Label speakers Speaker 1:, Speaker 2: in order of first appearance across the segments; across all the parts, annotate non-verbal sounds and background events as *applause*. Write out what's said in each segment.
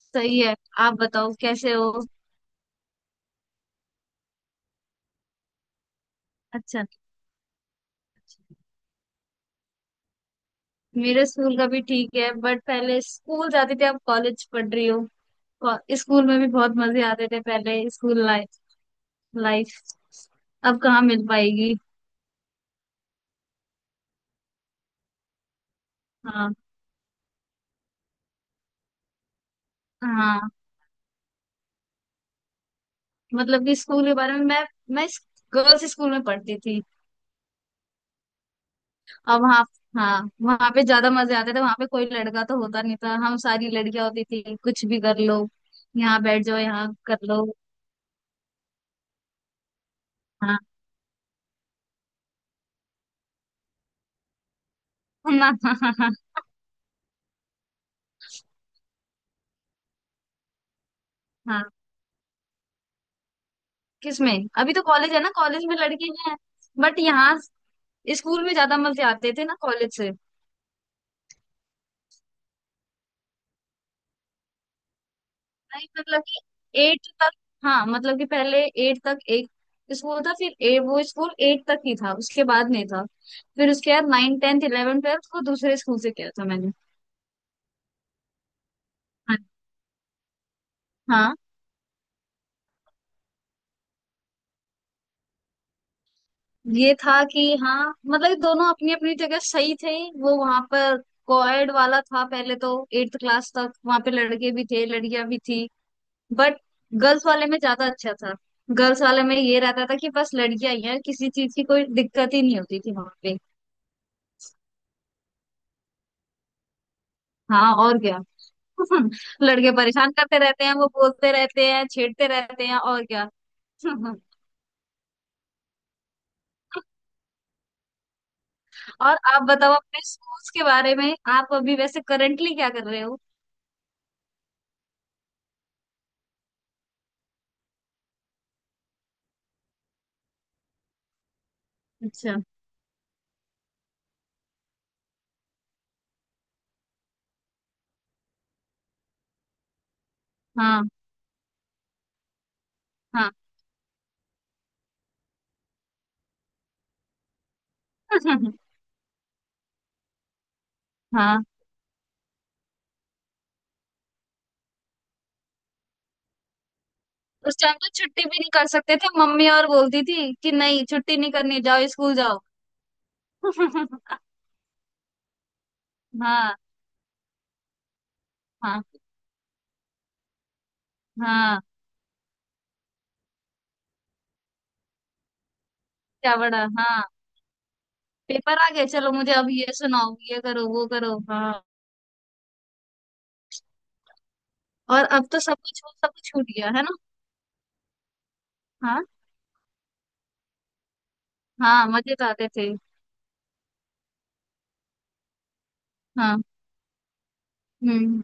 Speaker 1: सही है। आप बताओ कैसे हो। अच्छा। मेरे स्कूल का भी ठीक है, बट पहले स्कूल जाते थे, अब कॉलेज पढ़ रही हो। स्कूल में भी बहुत मजे आते थे पहले। स्कूल लाइफ लाइफ अब कहाँ मिल पाएगी। हाँ। हाँ। मतलब कि स्कूल के बारे में मैं गर्ल्स स्कूल में पढ़ती थी। अब वहाँ, हाँ वहाँ पे ज्यादा मजे आते थे। वहाँ पे कोई लड़का तो होता नहीं था, हम सारी लड़कियां होती थी, कुछ भी कर लो, यहाँ बैठ जाओ, यहाँ कर लो। हाँ। *laughs* ना। हाँ। किसमें? अभी तो कॉलेज है ना, कॉलेज में लड़के हैं। बट यहाँ स्कूल में ज्यादा मजे आते थे ना कॉलेज से। नहीं, मतलब कि एट तक। हाँ, मतलब कि पहले एट तक एक स्कूल था, फिर वो स्कूल एट तक ही था, उसके बाद नहीं था। फिर उसके बाद नाइन टेंथ इलेवन ट्वेल्थ को दूसरे स्कूल से किया था मैंने। हाँ। हाँ, ये था कि हाँ मतलब कि दोनों अपनी अपनी जगह सही थे। वो वहां पर कोएड वाला था पहले तो। एट्थ क्लास तक वहां पे लड़के भी थे, लड़कियां भी थी। बट गर्ल्स वाले में ज्यादा अच्छा था। गर्ल्स वाले में ये रहता था कि बस लड़कियां ही हैं, किसी चीज की कोई दिक्कत ही नहीं होती थी वहां पे। हाँ और क्या। *laughs* लड़के परेशान करते रहते हैं, वो बोलते रहते हैं, छेड़ते रहते हैं, और क्या। *laughs* और आप बताओ अपने स्कूल्स के बारे में। आप अभी वैसे करंटली क्या कर रहे हो? अच्छा। हाँ। हाँ। *laughs* हाँ, उस टाइम तो छुट्टी भी नहीं कर सकते थे। मम्मी और बोलती थी कि नहीं छुट्टी नहीं करनी, जाओ स्कूल जाओ। *laughs* हाँ। हाँ। हाँ, क्या बड़ा हाँ। पेपर आ गया, चलो मुझे अब ये सुनाओ, ये करो वो करो हाँ। और अब तो सब कुछ, सब कुछ छूट गया है ना। हाँ। हाँ, मजे तो आते थे। हाँ। हम्म।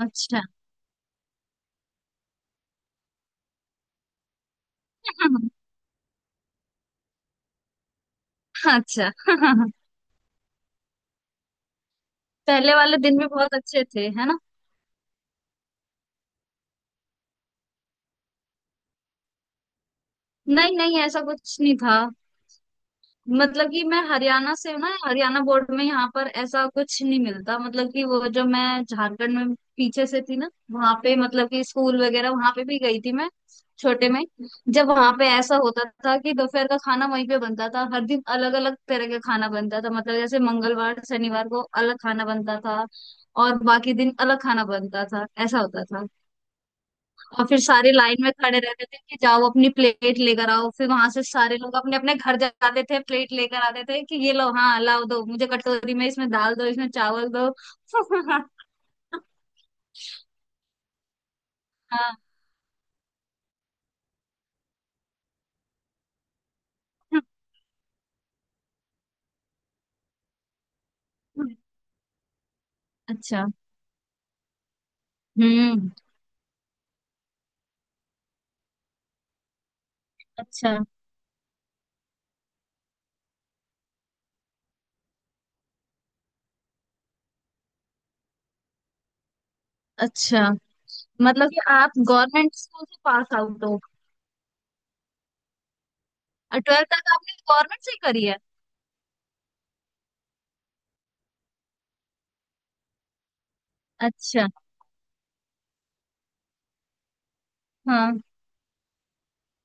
Speaker 1: अच्छा। *laughs* अच्छा। *laughs* पहले वाले दिन भी बहुत अच्छे थे है ना। नहीं नहीं, ऐसा कुछ नहीं था। मतलब कि मैं हरियाणा से हूँ ना, हरियाणा बोर्ड में यहाँ पर ऐसा कुछ नहीं मिलता। मतलब कि वो जो मैं झारखंड में पीछे से थी ना, वहां पे, मतलब कि स्कूल वगैरह वहां पे भी गई थी मैं छोटे में। जब वहां पे ऐसा होता था कि दोपहर का खाना वहीं पे बनता था। हर दिन अलग अलग तरह का खाना बनता था, मतलब जैसे मंगलवार शनिवार को अलग खाना बनता था और बाकी दिन अलग खाना बनता था, ऐसा होता था। और फिर सारे लाइन में खड़े रहते थे कि जाओ अपनी प्लेट लेकर आओ, फिर वहां से सारे लोग अपने अपने घर जाते थे, प्लेट लेकर आते थे कि ये लो हाँ लाओ, दो मुझे कटोरी में, इसमें दाल दो, इसमें चावल दो। *laughs* हाँ। अच्छा। हम्म। अच्छा। अच्छा, मतलब कि आप गवर्नमेंट स्कूल से पास आउट हो। और ट्वेल्थ तक आपने गवर्नमेंट से ही करी है? अच्छा। हाँ।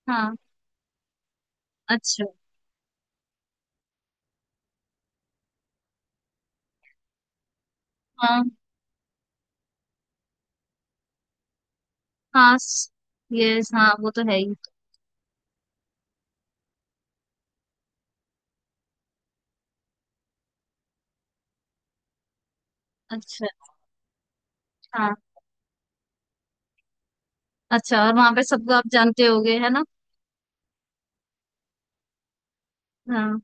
Speaker 1: हाँ। अच्छा। हाँ हाँ। यस, हाँ वो तो है ही। अच्छा। हाँ। अच्छा, और वहां पे सबको आप जानते होगे है ना? हाँ।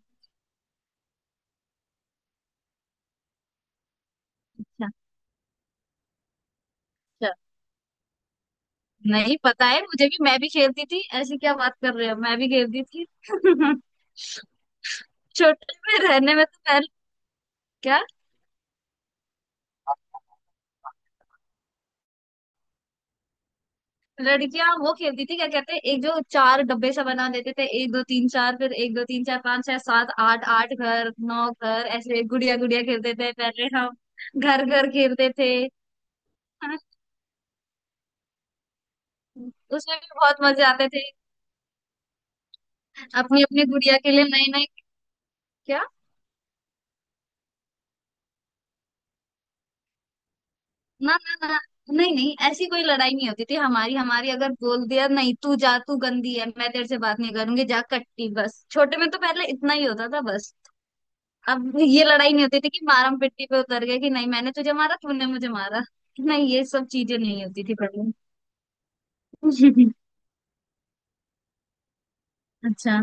Speaker 1: अच्छा। अच्छा, नहीं पता है मुझे भी, मैं भी खेलती थी, ऐसी क्या बात कर रहे हो, मैं भी खेलती थी। *laughs* छोटे में रहने में तो पहले, क्या, लड़कियां वो खेलती थी, क्या कहते हैं, एक जो चार डब्बे सा बना देते थे, एक दो तीन चार, फिर एक दो तीन चार पाँच छह सात आठ, आठ घर नौ घर, ऐसे गुड़िया गुड़िया खेलते थे पहले हम, घर घर खेलते थे। *laughs* हाँ, उसमें भी बहुत मजे आते थे। अपनी अपनी गुड़िया के लिए नई नई। क्या। ना ना ना, नहीं नहीं, ऐसी कोई लड़ाई नहीं होती थी हमारी हमारी। अगर बोल दिया नहीं तू जा, तू गंदी है, मैं तेरे से बात नहीं करूंगी, जा कट्टी, बस छोटे में तो पहले इतना ही होता था बस। अब ये लड़ाई नहीं होती थी कि मारम पिट्टी पे उतर गए, कि नहीं मैंने तुझे मारा तूने मुझे मारा, नहीं ये सब चीजें नहीं होती थी पहले। *laughs* अच्छा।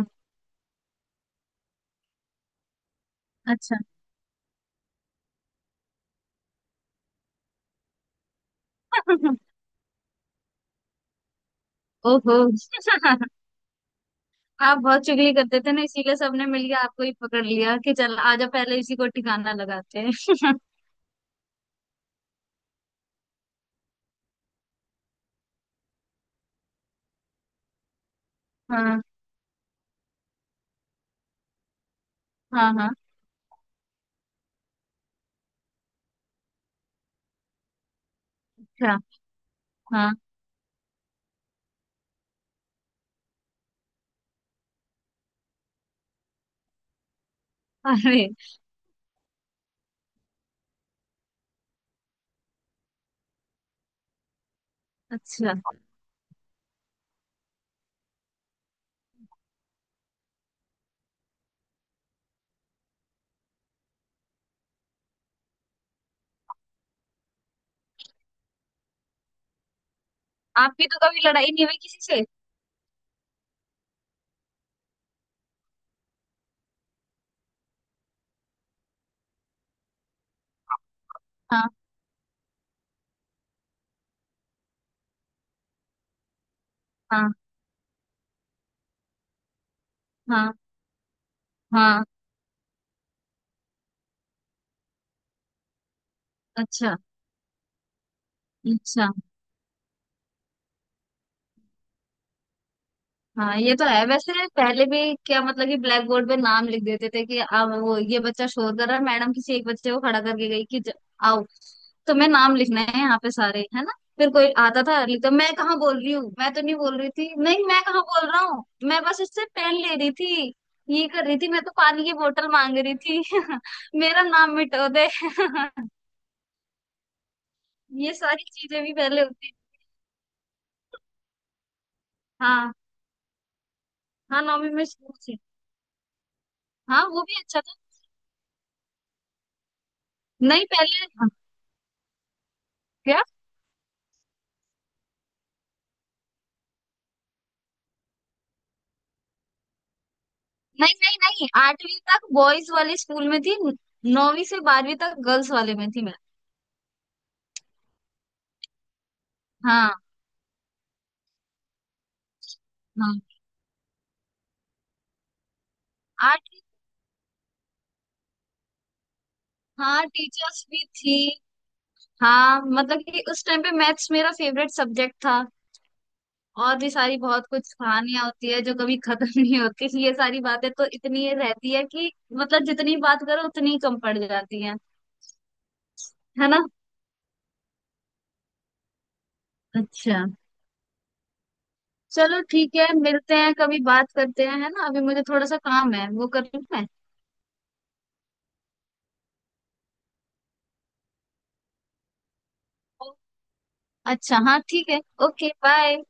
Speaker 1: अच्छा। *laughs* ओहो। *laughs* आप बहुत चुगली करते थे ना, इसीलिए सबने मिलके आपको ही पकड़ लिया कि चल आजा, पहले इसी को ठिकाना लगाते हैं। *laughs* हाँ। हाँ। हाँ। अच्छा। हाँ। अरे। अच्छा। आपकी तो कभी लड़ाई नहीं हुई किसी से? हाँ। हाँ। हाँ। हाँ। अच्छा। अच्छा, हाँ ये तो है। वैसे पहले भी क्या, मतलब कि ब्लैक बोर्ड पे नाम लिख देते थे कि अब वो ये बच्चा शोर कर रहा है, मैडम किसी एक बच्चे को खड़ा करके गई कि आओ, तुम्हें नाम लिखना है यहाँ पे, सारे है ना। फिर कोई आता था लिखता, मैं कहाँ बोल रही हूँ, मैं तो नहीं बोल रही थी, नहीं मैं कहाँ बोल रहा हूँ, मैं बस इससे पेन ले रही थी, ये कर रही थी, मैं तो पानी की बोतल मांग रही थी। *laughs* मेरा नाम मिटो दे। *laughs* ये सारी चीजें भी पहले होती। हाँ। हाँ, नौवीं में स्कूल से। हाँ वो भी अच्छा था। नहीं पहले, हाँ, क्या। नहीं नहीं नहीं, आठवीं तक बॉयज वाले स्कूल में थी। नौवीं से 12वीं तक गर्ल्स वाले में थी मैं। हाँ। हाँ। आठवीं। हाँ टीचर्स भी थी। हाँ, मतलब कि उस टाइम पे मैथ्स मेरा फेवरेट सब्जेक्ट था। और भी सारी बहुत कुछ कहानियां होती है जो कभी खत्म *laughs* नहीं होती, ये सारी बातें तो इतनी ये रहती है कि, मतलब जितनी बात करो उतनी कम पड़ जाती है। है ना। अच्छा। चलो ठीक है, मिलते हैं कभी, बात करते हैं है ना, अभी मुझे थोड़ा सा काम है वो कर लूँ मैं। अच्छा हाँ ठीक है। Okay bye.